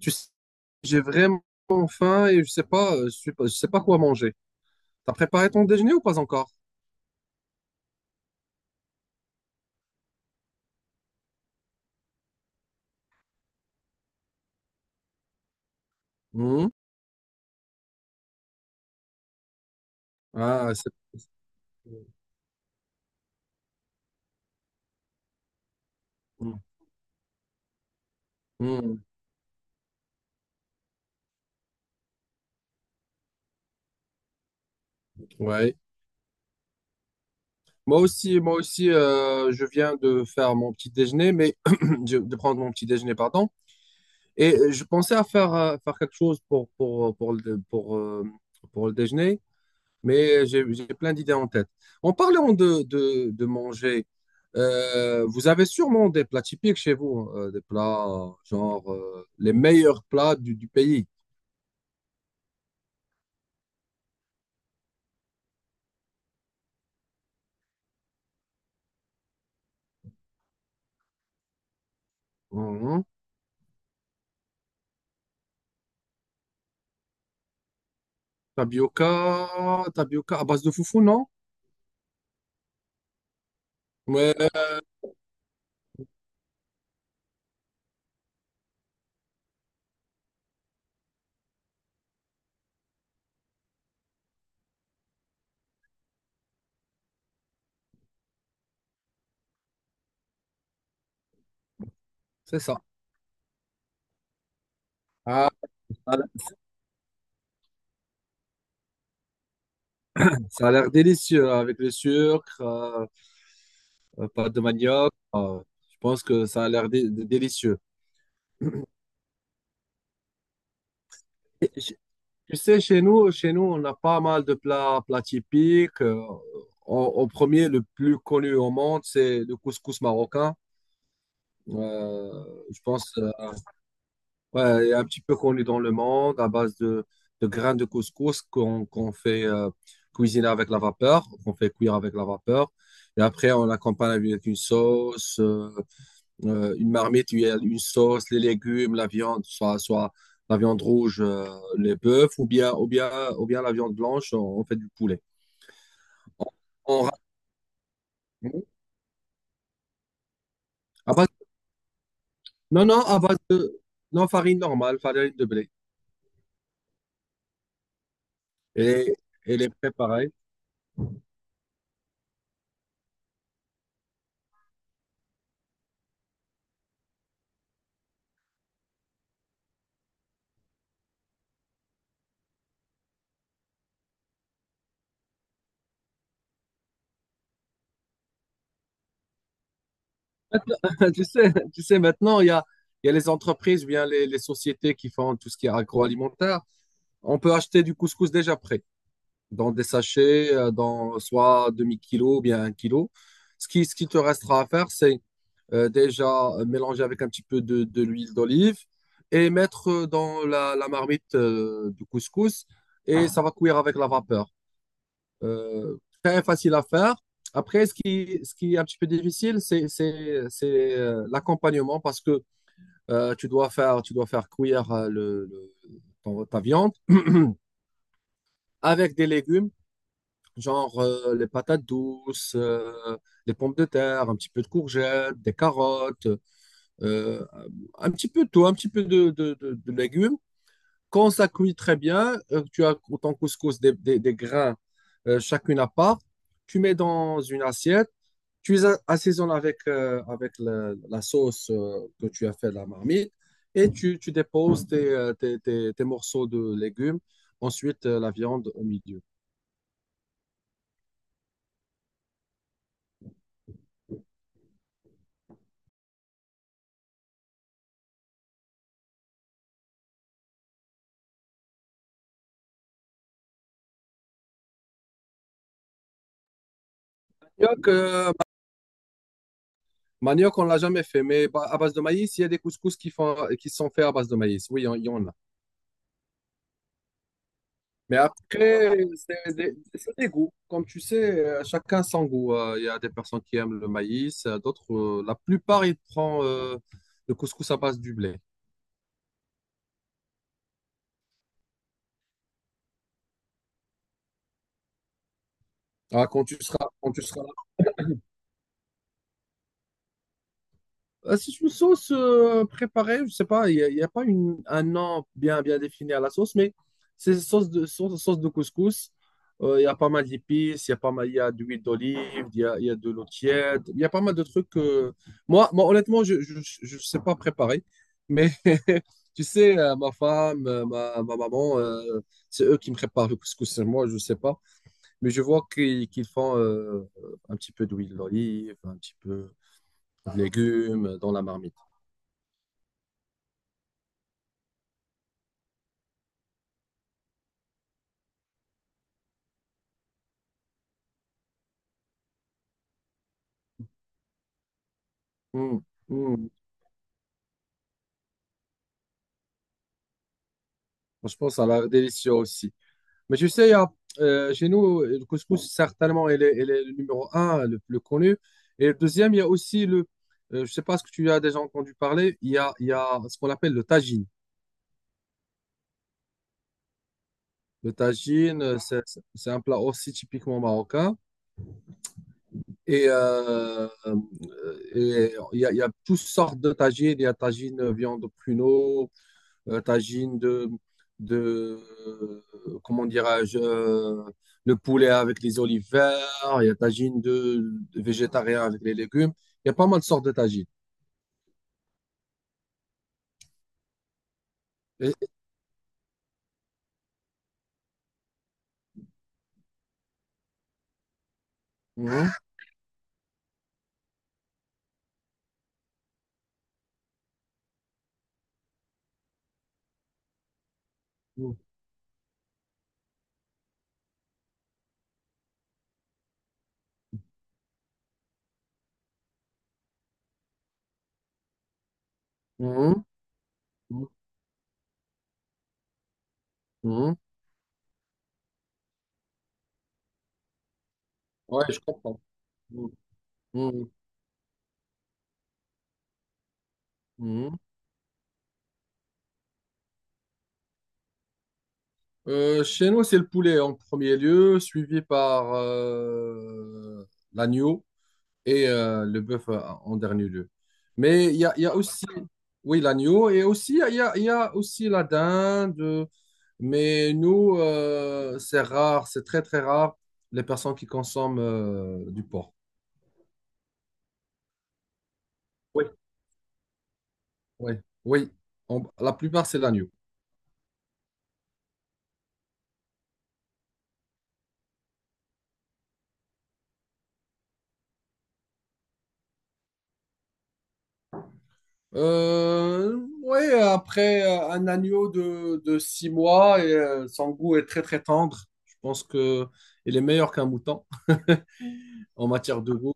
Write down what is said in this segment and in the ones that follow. Tu sais, j'ai vraiment faim et je sais pas quoi manger. T'as préparé ton déjeuner ou pas encore? Hmm. Ah, c'est. Hmm, hmm, hmm. Ouais. Moi aussi, je viens de faire mon petit déjeuner, mais de prendre mon petit déjeuner, pardon. Et je pensais à faire quelque chose pour le déjeuner, mais j'ai plein d'idées en tête. En parlant de manger, vous avez sûrement des plats typiques chez vous, hein, des plats genre les meilleurs plats du pays. Mhm. Tapioca, tapioca à base de foufou, non? Ouais, c'est ça. Ah, ça a l'air ça a l'air délicieux hein, avec le sucre, pâte de manioc. Je pense que ça a l'air délicieux. Tu sais, chez nous, on a pas mal de plats, plats typiques. En premier, le plus connu au monde, c'est le couscous marocain. Euh, je pense, ouais, il est un petit peu connu dans le monde à base de grains de couscous qu'on fait cuisiner avec la vapeur, qu'on fait cuire avec la vapeur. Et après, on l'accompagne avec une sauce. Une marmite, il y a une sauce, les légumes, la viande, soit la viande rouge, les bœufs, ou bien la viande blanche, on fait du poulet. On, on ra- à base- non, non, à base de non, farine normale, farine de blé. Et, et les préparer. Tu sais, maintenant, il y a les entreprises ou bien les sociétés qui font tout ce qui est agroalimentaire. On peut acheter du couscous déjà prêt, dans des sachets, dans soit demi-kilo ou bien un kilo. Ce qui te restera à faire, c'est déjà mélanger avec un petit peu de l'huile d'olive et mettre dans la marmite du couscous et ça va cuire avec la vapeur. Euh, Très facile à faire. Après, ce qui est un petit peu difficile, c'est l'accompagnement parce que tu dois faire cuire ta viande avec des légumes, genre les patates douces, les pommes de terre, un petit peu de courgettes, des carottes, euh, un petit peu de tout, un petit peu de légumes. Quand ça cuit très bien, tu as ton couscous des grains chacune à part, tu mets dans une assiette, tu les assaisonnes avec, avec la sauce que tu as fait de la marmite et tu déposes tes morceaux de légumes, ensuite la viande au milieu. Manioc, euh, Manioc, on l'a jamais fait, mais bah, à base de maïs, il y a des couscous qui sont faits à base de maïs. Oui, il y en a. Mais après, c'est des goûts. Comme tu sais, chacun son goût. Il y a des personnes qui aiment le maïs, d'autres, la plupart, ils prennent le couscous à base du blé. Ah, quand tu seras C'est une sauce préparée, je sais pas, il y a pas un nom bien, bien défini à la sauce, mais c'est sauce de couscous. Il y a pas mal d'épices, il y a pas mal, il y a de l'huile d'olive, il y a de l'eau tiède, il y a pas mal de trucs. Moi, honnêtement, je sais pas préparer, mais tu sais, ma femme, ma maman, c'est eux qui me préparent le couscous, c'est moi, je sais pas, mais je vois qu'ils font un petit peu d'huile d'olive, un petit peu de légumes dans la marmite. Mm, mm. Franchement, ça a l'air délicieux aussi. Mais tu sais, chez nous, le couscous, certainement, il est le numéro un, le plus connu. Et le deuxième, il y a aussi je sais pas ce que tu as déjà entendu parler, il y a ce qu'on appelle le tagine. Le tagine, c'est un plat aussi typiquement marocain. Et, euh, euh, et il y a, toutes sortes de tagines. Il y a tagine viande pruneau, tagine de comment dirais-je, le poulet avec les olives vertes, il y a tagine de végétarien avec les légumes. Il y a pas mal de sortes de tagines. Et- Mhm, mhm, mhm, mhm, mhm. Ouais, je comprends. Mhm, mhm, mhm. Chez nous, c'est le poulet en premier lieu, suivi par l'agneau. Et le bœuf en dernier lieu. Mais il y a, aussi, oui, l'agneau, et aussi, il y a aussi la dinde. Mais nous, c'est rare, c'est très, très rare, les personnes qui consomment du porc. Oui. Oui, oui. La plupart, c'est l'agneau. Oui, après un agneau de 6 mois, et son goût est très, très tendre. Je pense que il est meilleur qu'un mouton en matière de goût.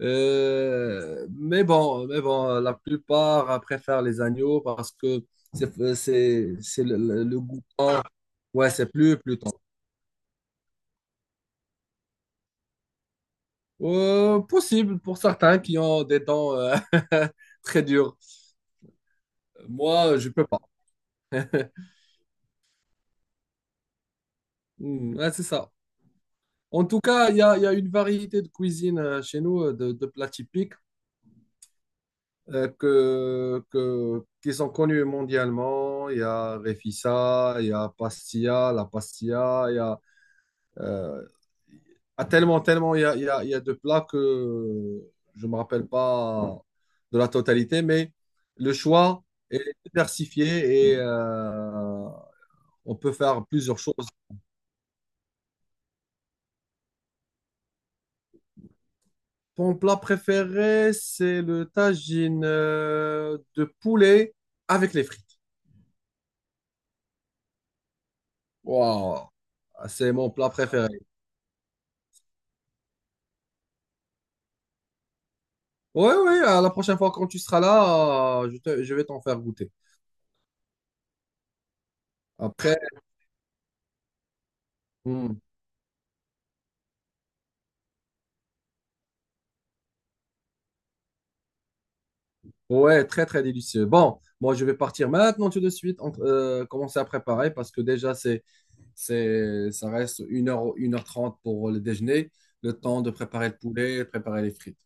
Mais bon, la plupart préfèrent les agneaux parce que c'est le goût tendre. Ouais, c'est plus plus tendre. Possible pour certains qui ont des dents très dures. Moi, je peux pas. Hmm, ouais, c'est ça. En tout cas, il y a une variété de cuisine chez nous, de plats typiques qui sont connus mondialement. Il y a Refissa, il y a Pastilla, la Pastilla, il y a Euh, ah, tellement, tellement, il y a de plats que je ne me rappelle pas de la totalité, mais le choix est diversifié et on peut faire plusieurs choses. Mon plat préféré, c'est le tagine de poulet avec les frites. Waouh, c'est mon plat préféré. Oui, oui, la prochaine fois quand tu seras là, je vais t'en faire goûter. Après, hmm, ouais, très très délicieux. Bon, moi je vais partir maintenant tout de suite, commencer à préparer parce que déjà ça reste une heure trente pour le déjeuner, le temps de préparer le poulet, préparer les frites.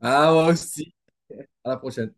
Ah, moi aussi. À la prochaine.